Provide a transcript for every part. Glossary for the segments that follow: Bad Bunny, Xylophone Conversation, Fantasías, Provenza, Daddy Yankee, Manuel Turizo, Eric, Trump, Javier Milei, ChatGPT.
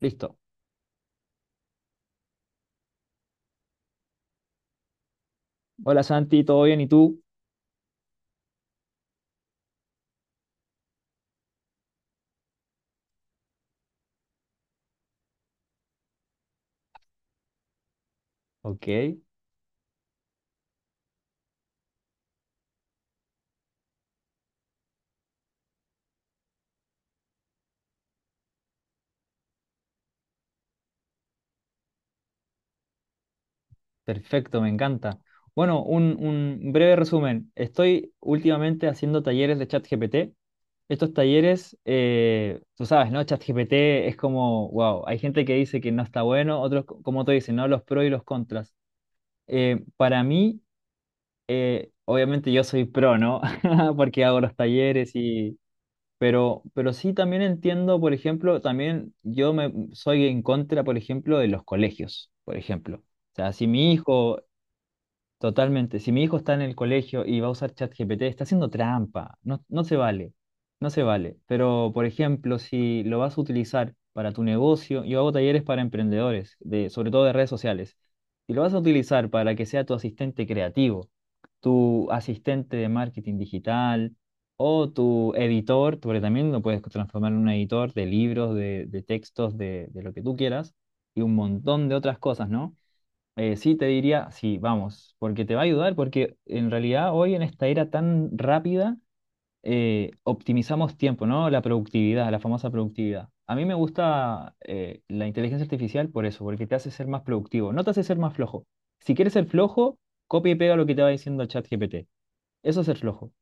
Listo. Hola Santi, ¿todo bien? ¿Y tú? Ok, perfecto, me encanta. Bueno, un breve resumen. Estoy últimamente haciendo talleres de ChatGPT. Estos talleres, tú sabes, ¿no? ChatGPT es como, wow, hay gente que dice que no está bueno, otros, como tú dices, ¿no? Los pros y los contras. Para mí, obviamente yo soy pro, ¿no? Porque hago los talleres. Pero sí también entiendo, por ejemplo, también yo me soy en contra, por ejemplo, de los colegios, por ejemplo. O sea, si mi hijo... Totalmente. Si mi hijo está en el colegio y va a usar ChatGPT, está haciendo trampa. No, no se vale. No se vale. Pero, por ejemplo, si lo vas a utilizar para tu negocio, yo hago talleres para emprendedores, de, sobre todo de redes sociales. Si lo vas a utilizar para que sea tu asistente creativo, tu asistente de marketing digital o tu editor, porque también lo puedes transformar en un editor de libros, de textos, de lo que tú quieras y un montón de otras cosas, ¿no? Sí, te diría, sí, vamos, porque te va a ayudar, porque en realidad hoy en esta era tan rápida optimizamos tiempo, ¿no? La productividad, la famosa productividad. A mí me gusta la inteligencia artificial por eso, porque te hace ser más productivo, no te hace ser más flojo. Si quieres ser flojo, copia y pega lo que te va diciendo el chat GPT. Eso es ser flojo.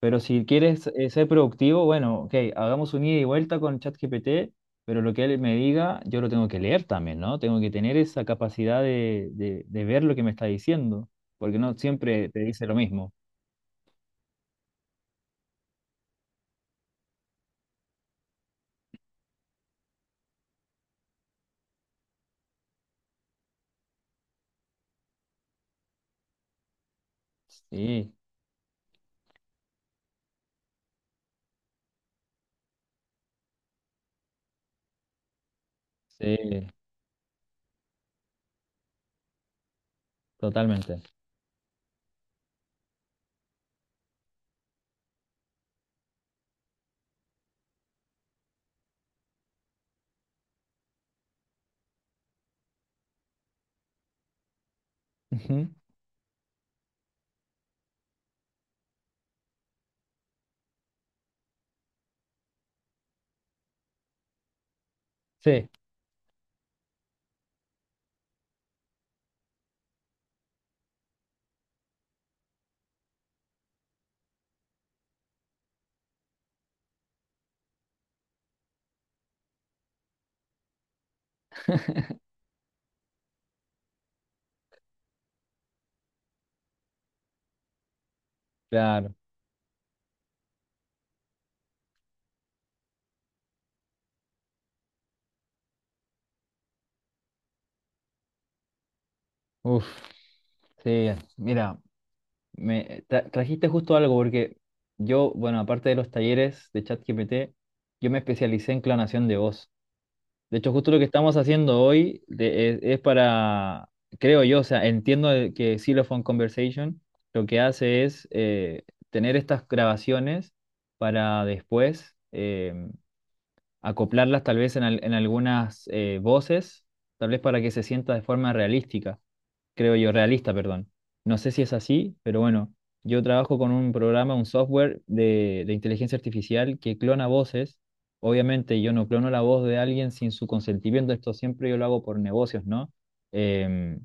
Pero si quieres ser productivo, bueno, ok, hagamos un ida y vuelta con ChatGPT, pero lo que él me diga, yo lo tengo que leer también, ¿no? Tengo que tener esa capacidad de, de ver lo que me está diciendo, porque no siempre te dice lo mismo. Sí, sí, totalmente. Ujú. Sí, claro. Uf, sí, mira, me trajiste justo algo, porque yo, bueno, aparte de los talleres de ChatGPT, yo me especialicé en clonación de voz. De hecho, justo lo que estamos haciendo hoy es para, creo yo, o sea, entiendo que Xylophone Conversation lo que hace es tener estas grabaciones para después acoplarlas tal vez en, en algunas voces, tal vez para que se sienta de forma realística creo yo, realista, perdón. No sé si es así, pero bueno, yo trabajo con un programa, un software de inteligencia artificial que clona voces. Obviamente yo no clono la voz de alguien sin su consentimiento, esto siempre yo lo hago por negocios, ¿no? Em,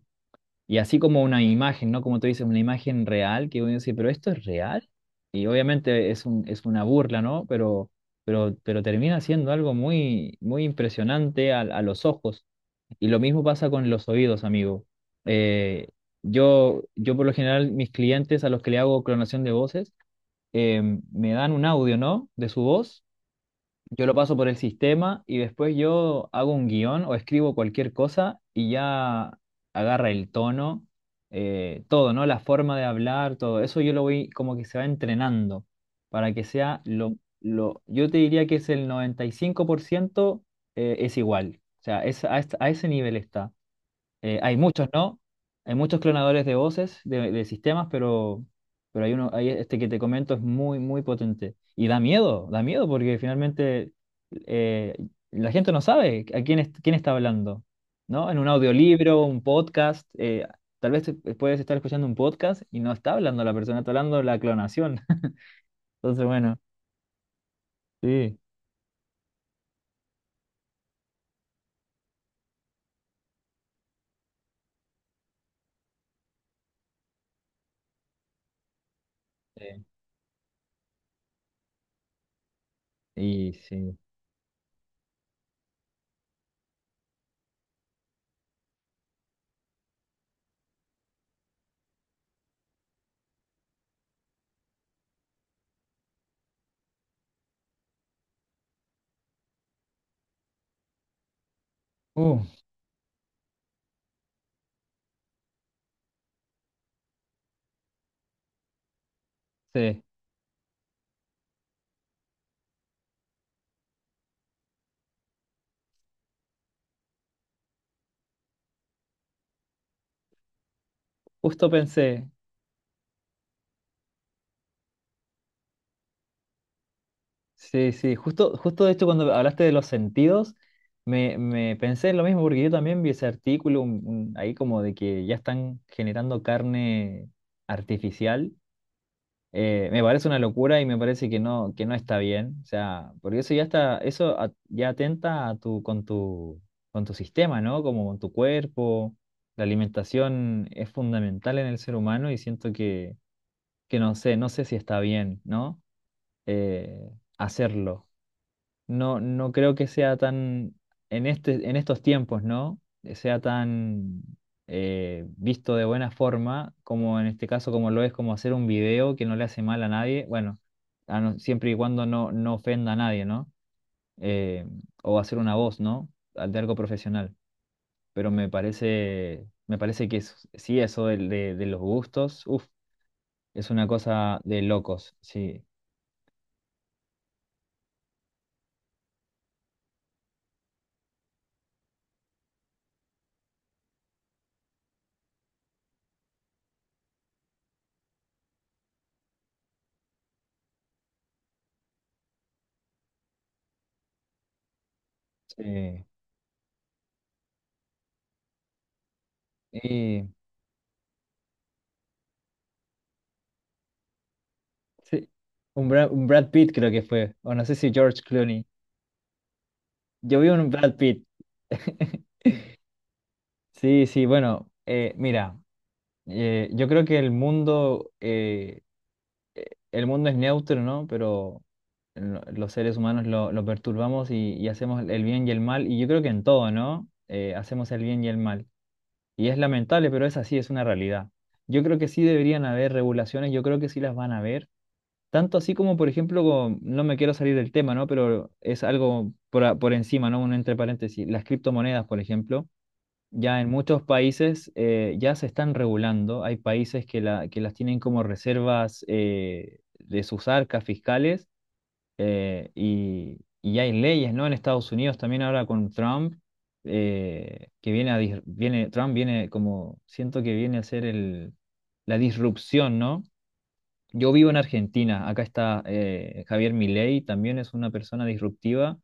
y así como una imagen, ¿no? Como tú dices, una imagen real, que uno dice, pero esto es real. Y obviamente es un, es una burla, ¿no? Pero termina siendo algo muy, muy impresionante a los ojos. Y lo mismo pasa con los oídos, amigo. Eh, yo por lo general, mis clientes a los que le hago clonación de voces, eh, me dan un audio, ¿no? De su voz. Yo lo paso por el sistema y después yo hago un guión o escribo cualquier cosa y ya agarra el tono, todo, ¿no? La forma de hablar, todo. Eso yo lo voy como que se va entrenando para que sea yo te diría que es el 95% es igual. O sea, es, a, a ese nivel está. Hay muchos, ¿no? Hay muchos clonadores de voces, de sistemas, pero hay uno, hay este que te comento es muy, muy potente. Y da miedo porque finalmente eh, la gente no sabe a quién, quién está hablando, ¿no? En un audiolibro, un podcast, tal vez puedes estar escuchando un podcast y no está hablando la persona, está hablando la clonación. Entonces, bueno, sí. Sí. Y sí. Uh, sí. Justo pensé. Sí, sí, justo, justo de hecho cuando hablaste de los sentidos, me pensé en lo mismo, porque yo también vi ese artículo ahí como de que ya están generando carne artificial. Me parece una locura y me parece que no está bien. O sea, porque eso ya está, eso ya atenta a tu, con tu, con tu sistema, ¿no? Como con tu cuerpo. La alimentación es fundamental en el ser humano y siento que no sé, no sé si está bien, ¿no? Eh, hacerlo. No, no creo que sea tan, en este, en estos tiempos, ¿no? Sea tan visto de buena forma como en este caso, como lo es como hacer un video que no le hace mal a nadie, bueno, a no- siempre y cuando no, no ofenda a nadie, ¿no? Eh, o hacer una voz, ¿no? Al de algo profesional. Pero me parece que sí, eso de los gustos, uf, es una cosa de locos, sí. Sí. Y... Sí. Un Brad Pitt creo que fue, o no sé si George Clooney. Yo vi un Brad Pitt. Sí, sí, bueno, mira, yo creo que eh, el mundo es neutro, ¿no? Pero los seres humanos lo perturbamos y hacemos el bien y el mal, y yo creo que en todo, ¿no? Hacemos el bien y el mal. Y es lamentable, pero es así, es una realidad. Yo creo que sí deberían haber regulaciones, yo creo que sí las van a haber. Tanto así como, por ejemplo, no me quiero salir del tema, ¿no? Pero es algo por, por encima, ¿no? Un entre paréntesis. Las criptomonedas, por ejemplo, ya en muchos países ya se están regulando. Hay países que, la, que las tienen como reservas de sus arcas fiscales y hay leyes, ¿no? En Estados Unidos también ahora con Trump, que viene a, viene, Trump viene como, siento que viene a ser el, la disrupción, ¿no? Yo vivo en Argentina, acá está Javier Milei, también es una persona disruptiva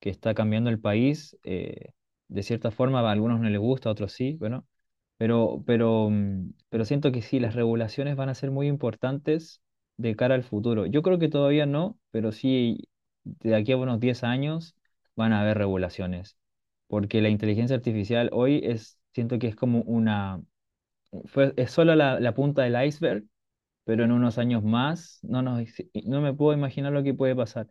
que está cambiando el país. De cierta forma, a algunos no les gusta, a otros sí, bueno, pero, pero siento que sí, las regulaciones van a ser muy importantes de cara al futuro. Yo creo que todavía no, pero sí, de aquí a unos 10 años van a haber regulaciones, porque la inteligencia artificial hoy es, siento que es como una, es solo la punta del iceberg, pero en unos años más no, nos, no me puedo imaginar lo que puede pasar,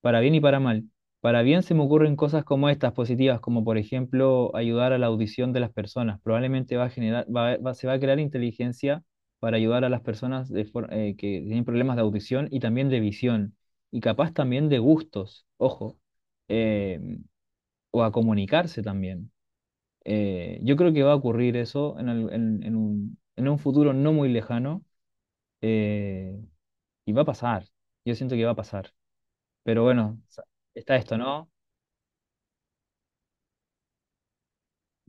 para bien y para mal. Para bien se me ocurren cosas como estas positivas, como por ejemplo ayudar a la audición de las personas. Probablemente va a generar, se va a crear inteligencia para ayudar a las personas que tienen problemas de audición y también de visión y capaz también de gustos, ojo, eh, o a comunicarse también. Yo creo que va a ocurrir eso en, en un futuro no muy lejano. eh, y va a pasar. Yo siento que va a pasar. Pero bueno, está esto, ¿no?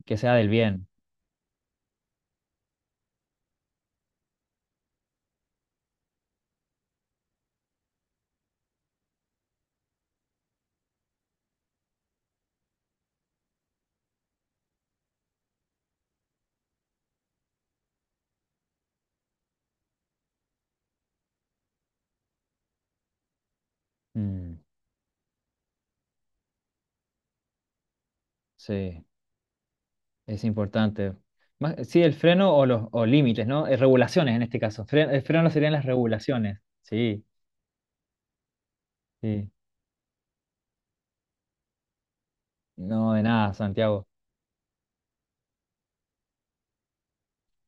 Que sea del bien. Mm, sí, es importante. Sí, el freno o los o límites, ¿no? Regulaciones en este caso. El freno serían las regulaciones. Sí, sí. No, de nada, Santiago.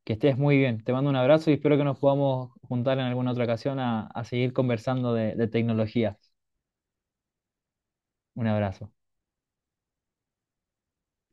Que estés muy bien. Te mando un abrazo y espero que nos podamos juntar en alguna otra ocasión a seguir conversando de tecnología. Un abrazo.